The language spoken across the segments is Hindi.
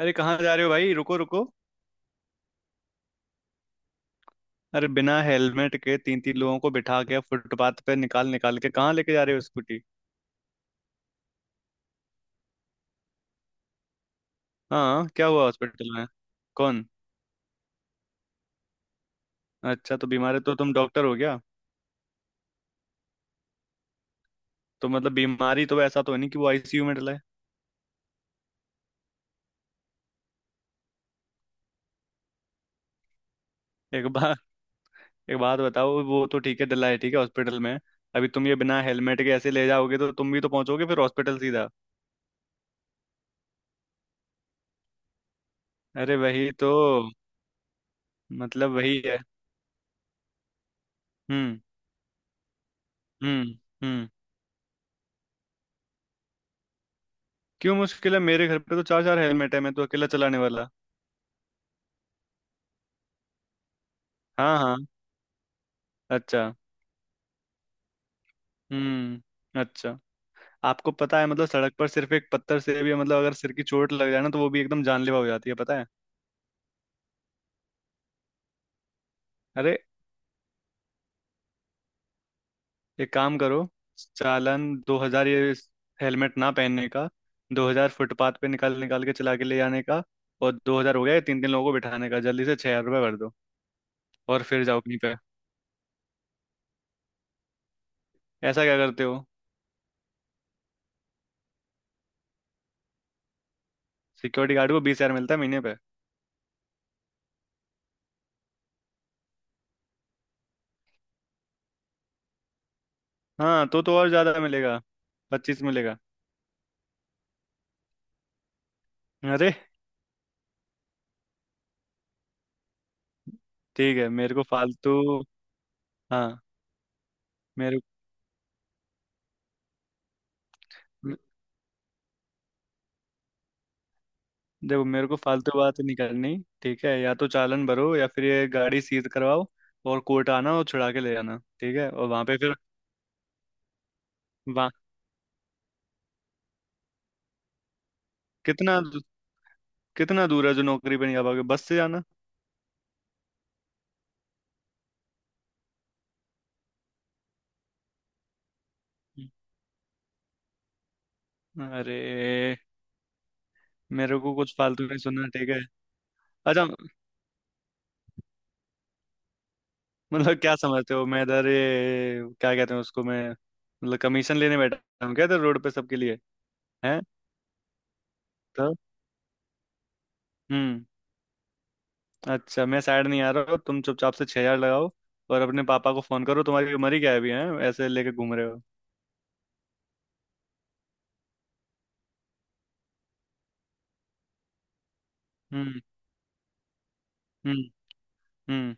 अरे कहाँ जा रहे हो भाई? रुको रुको। अरे बिना हेलमेट के तीन तीन लोगों को बिठा के फुटपाथ पे निकाल निकाल के कहाँ लेके जा रहे हो स्कूटी? हाँ, क्या हुआ हॉस्पिटल में? कौन? अच्छा, तो बीमार है तो तुम डॉक्टर हो गया? तो मतलब बीमारी तो ऐसा तो नहीं कि वो आईसीयू में डला है। एक बार एक बात बताओ, वो तो ठीक है, डला है ठीक है हॉस्पिटल में। अभी तुम ये बिना हेलमेट के ऐसे ले जाओगे तो तुम भी तो पहुंचोगे फिर हॉस्पिटल सीधा। अरे वही तो। मतलब वही है। हम्म। हम्म। हम्म। क्यों मुश्किल है? मेरे घर पे तो चार चार हेलमेट है, मैं तो अकेला चलाने वाला। हाँ हाँ। अच्छा। हम्म, अच्छा। आपको पता है मतलब सड़क पर सिर्फ एक पत्थर से भी मतलब अगर सिर की चोट लग जाए ना, तो वो भी एकदम जानलेवा हो जाती है, पता है? अरे, एक काम करो। चालान 2,000 ये हेलमेट ना पहनने का। 2,000 फुटपाथ पे निकाल निकाल के चला के ले जाने का। और 2,000 हो गया तीन तीन लोगों को बिठाने का। जल्दी से 6,000 रुपये भर दो और फिर जाओ अपनी पे। ऐसा क्या करते हो? सिक्योरिटी गार्ड को 20,000 मिलता है महीने पे। हाँ तो और ज्यादा मिलेगा। 25 मिलेगा। अरे ठीक है, मेरे को फालतू। हाँ। मेरे देखो, मेरे को फालतू बात नहीं करनी। ठीक है, या तो चालान भरो या फिर ये गाड़ी सीज करवाओ और कोर्ट आना और छुड़ा के ले जाना, ठीक है। और वहां पे फिर, वहां कितना, कितना दूर है जो नौकरी पे नहीं आ पाओगे बस से जाना? अरे, मेरे को कुछ फालतू नहीं सुनना ठीक है। अच्छा, मतलब क्या समझते हो? मैं इधर ये क्या कहते हैं उसको, मैं मतलब कमीशन लेने बैठा हूँ क्या इधर रोड पे सबके लिए? है तो। हम्म, अच्छा। मैं साइड नहीं आ रहा हूँ, तुम चुपचाप से 6,000 लगाओ और अपने पापा को फोन करो। तुम्हारी उम्र ही क्या है अभी? है ऐसे लेके घूम रहे हो। हम्म। हम्म। हम्म।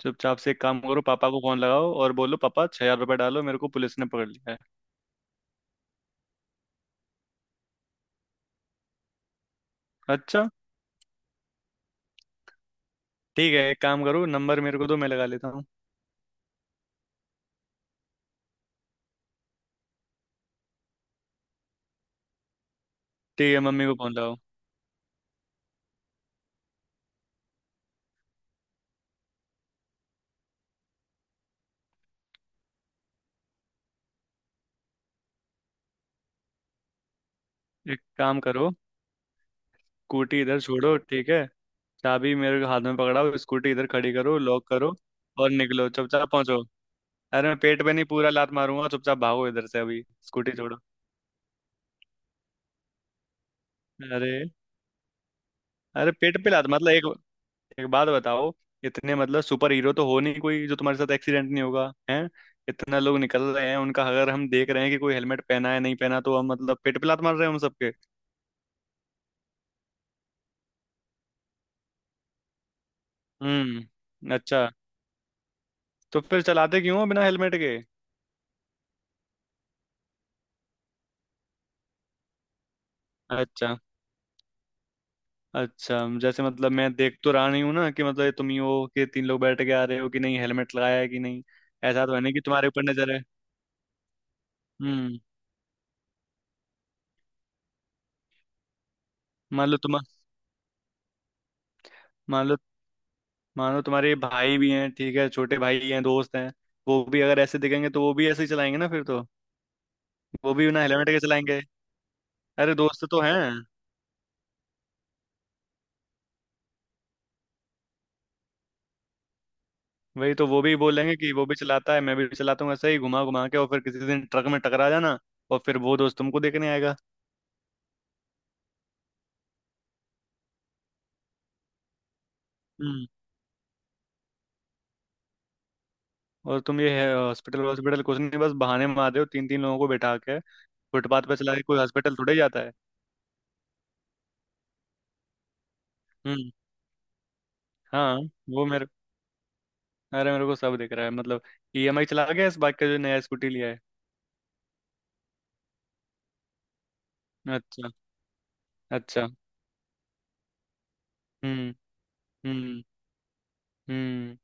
चुपचाप से एक काम करो, पापा को फोन लगाओ और बोलो पापा, 6,000 रुपये डालो, मेरे को पुलिस ने पकड़ लिया है। अच्छा। ठीक है, एक काम करो, नंबर मेरे को दो, मैं लगा लेता हूँ। ठीक है, मम्मी को फोन लगाओ। एक काम करो, स्कूटी इधर छोड़ो, ठीक है, चाबी मेरे हाथ में पकड़ाओ, स्कूटी इधर खड़ी करो, लॉक करो और निकलो चुपचाप पहुंचो। अरे, मैं पेट पे नहीं पूरा लात मारूंगा, चुपचाप भागो इधर से अभी। स्कूटी छोड़ो। अरे। अरे पेट पे लात मतलब एक एक बात बताओ। इतने मतलब सुपर हीरो तो हो नहीं कोई, जो तुम्हारे साथ एक्सीडेंट नहीं होगा, हैं? इतना लोग निकल रहे हैं उनका, अगर हम देख रहे हैं कि कोई हेलमेट पहना है नहीं पहना, तो हम मतलब पेट पे लात मार रहे हैं हम सबके? हम्म, अच्छा। तो फिर चलाते क्यों हो बिना हेलमेट के? अच्छा, अच्छा जैसे मतलब मैं देख तो रहा नहीं हूँ ना कि मतलब ये तुम ही हो कि तीन लोग बैठ के आ रहे हो कि नहीं, हेलमेट लगाया है कि नहीं? ऐसा तो है नहीं कि तुम्हारे ऊपर नजर है। हम्म। मान लो तुम, मान लो, मानो तुम्हारे भाई भी हैं ठीक है, छोटे भाई हैं, दोस्त हैं। वो भी अगर ऐसे दिखेंगे तो वो भी ऐसे ही चलाएंगे ना फिर तो। वो भी बिना हेलमेट के चलाएंगे। अरे दोस्त तो हैं। वही तो, वो भी बोलेंगे कि वो भी चलाता है, मैं भी चलाता हूँ ऐसे ही घुमा घुमा के, और फिर किसी दिन ट्रक में टकरा जाना। और फिर वो दोस्त तुमको देखने आएगा। हम्म। और तुम ये है हॉस्पिटल हॉस्पिटल कुछ नहीं, बस बहाने मार रहे हो, तीन तीन लोगों को बैठा के फुटपाथ पे चला के कोई हॉस्पिटल थोड़े जाता है। हम्म। हाँ। वो मेरे अरे मेरे को सब दिख रहा है, मतलब। ईएमआई चला गया इस बाइक का, जो नया स्कूटी लिया है। अच्छा। अच्छा। हम्म। हम्म। हम्म।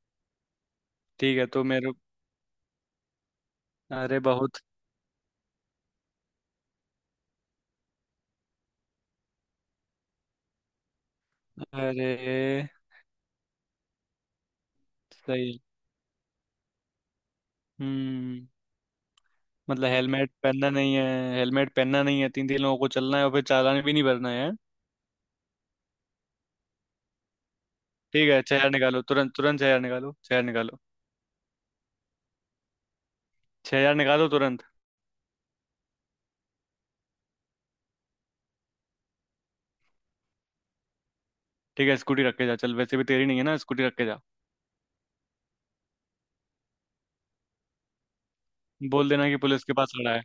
ठीक है, तो मेरे अरे बहुत। अरे सही। हम्म। मतलब हेलमेट पहनना नहीं है। हेलमेट पहनना नहीं है, तीन तीन लोगों को चलना है, और फिर चालान भी नहीं भरना है। ठीक है, 6,000 निकालो तुरंत, तुरंत 6,000 निकालो, 6,000 निकालो, छह हजार निकालो तुरंत। ठीक है, स्कूटी रख के जा, चल वैसे भी तेरी नहीं है ना, स्कूटी रख के जा। बोल देना कि पुलिस के पास खड़ा है।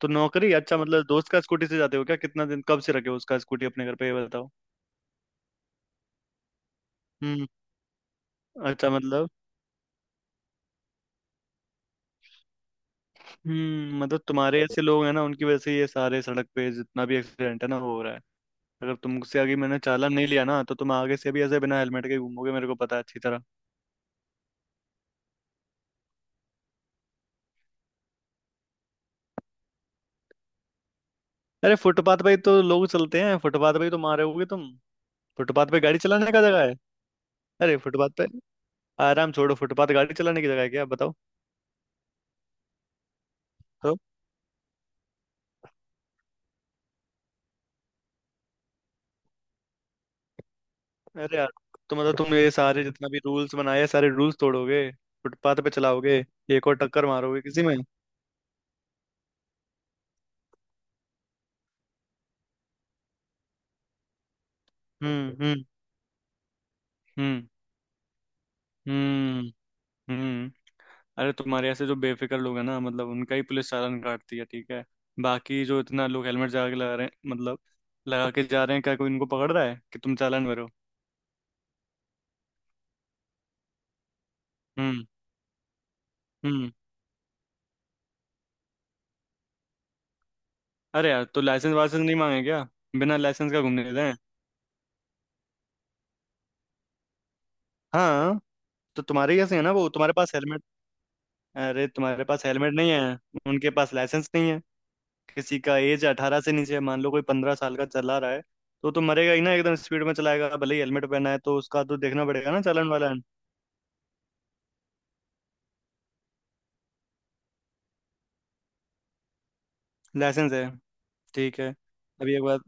तो नौकरी अच्छा, मतलब दोस्त का स्कूटी से जाते हो क्या? कितना दिन, कब से रखे हो उसका स्कूटी अपने घर पे, ये बताओ। हम्म, अच्छा, मतलब। हम्म, मतलब तुम्हारे ऐसे लोग हैं ना, उनकी वजह से ये सारे सड़क पे जितना भी एक्सीडेंट है ना, वो हो रहा है। अगर तुमसे आगे मैंने चालान नहीं लिया ना, तो तुम आगे से भी ऐसे बिना हेलमेट के घूमोगे, मेरे को पता है अच्छी तरह। अरे फुटपाथ पे ही तो लोग चलते हैं, फुटपाथ पे ही तो मारे होगे तुम। फुटपाथ पे गाड़ी चलाने का जगह है? अरे फुटपाथ पे आराम छोड़ो, फुटपाथ गाड़ी चलाने की जगह है क्या, बताओ? तो अरे यार, तो मतलब तुम ये सारे जितना भी रूल्स बनाए हैं, सारे रूल्स तोड़ोगे? फुटपाथ पे चलाओगे? एक और टक्कर मारोगे किसी में? हम्म। हम्म। हम्म। हम्म। हम्म। अरे तुम्हारे ऐसे जो बेफिक्र लोग हैं ना, मतलब उनका ही पुलिस चालान काटती है, ठीक है। बाकी जो इतना लोग हेलमेट लगा के लगा रहे हैं मतलब लगा के जा रहे हैं, क्या कोई इनको पकड़ रहा है कि तुम चालान भरो? हम्म। हम्म। अरे यार तो लाइसेंस वाइसेंस नहीं मांगे क्या? बिना लाइसेंस का घूमने देते हैं? हाँ, तो तुम्हारे कैसे है ना वो, तुम्हारे पास हेलमेट। अरे तुम्हारे पास हेलमेट नहीं है, उनके पास लाइसेंस नहीं है। किसी का एज 18 से नीचे है, मान लो कोई 15 साल का चला रहा है, तो मरेगा ही ना, एकदम स्पीड में चलाएगा, भले ही हेलमेट पहना है, तो उसका तो देखना पड़ेगा ना चालान वाला है। लाइसेंस है? ठीक है। अभी एक बात।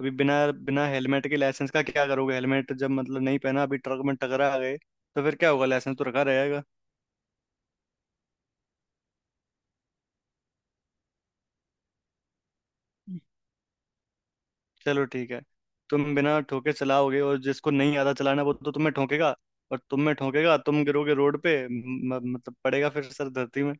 अभी बिना बिना हेलमेट के लाइसेंस का क्या करोगे? हेलमेट जब मतलब नहीं पहना, अभी ट्रक में टकरा गए तो फिर क्या होगा? लाइसेंस तो रखा रहेगा। चलो ठीक है। तुम बिना ठोके चलाओगे, और जिसको नहीं आता चलाना वो तो तुम्हें ठोकेगा, और तुम्हें ठोकेगा, तुम गिरोगे रोड पे, मतलब पड़ेगा फिर सर धरती में।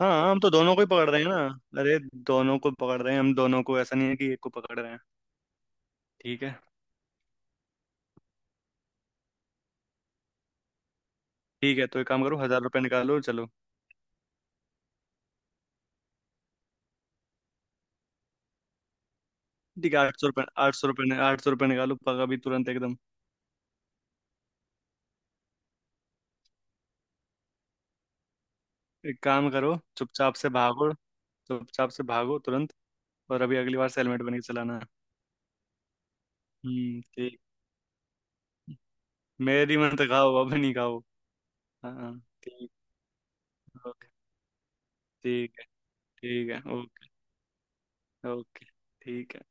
हाँ, हम तो दोनों को ही पकड़ रहे हैं ना। अरे दोनों को पकड़ रहे हैं हम, दोनों को, ऐसा नहीं है कि एक को पकड़ रहे हैं। ठीक है। ठीक है, तो एक काम करो, 1,000 रुपये निकालो चलो। ठीक है, 800 रुपये, 800 रुपये, 800 रुपये निकालो, पगा भी तुरंत एकदम। एक काम करो, चुपचाप से भागो। चुपचाप से भागो तुरंत। और अभी अगली बार से हेलमेट बन के चलाना। हम्म, ठीक। मेरी मत खाओ, अब नहीं खाओ। हाँ हाँ, ठीक। ओके। ठीक है। ठीक है। ओके। ओके। ठीक है।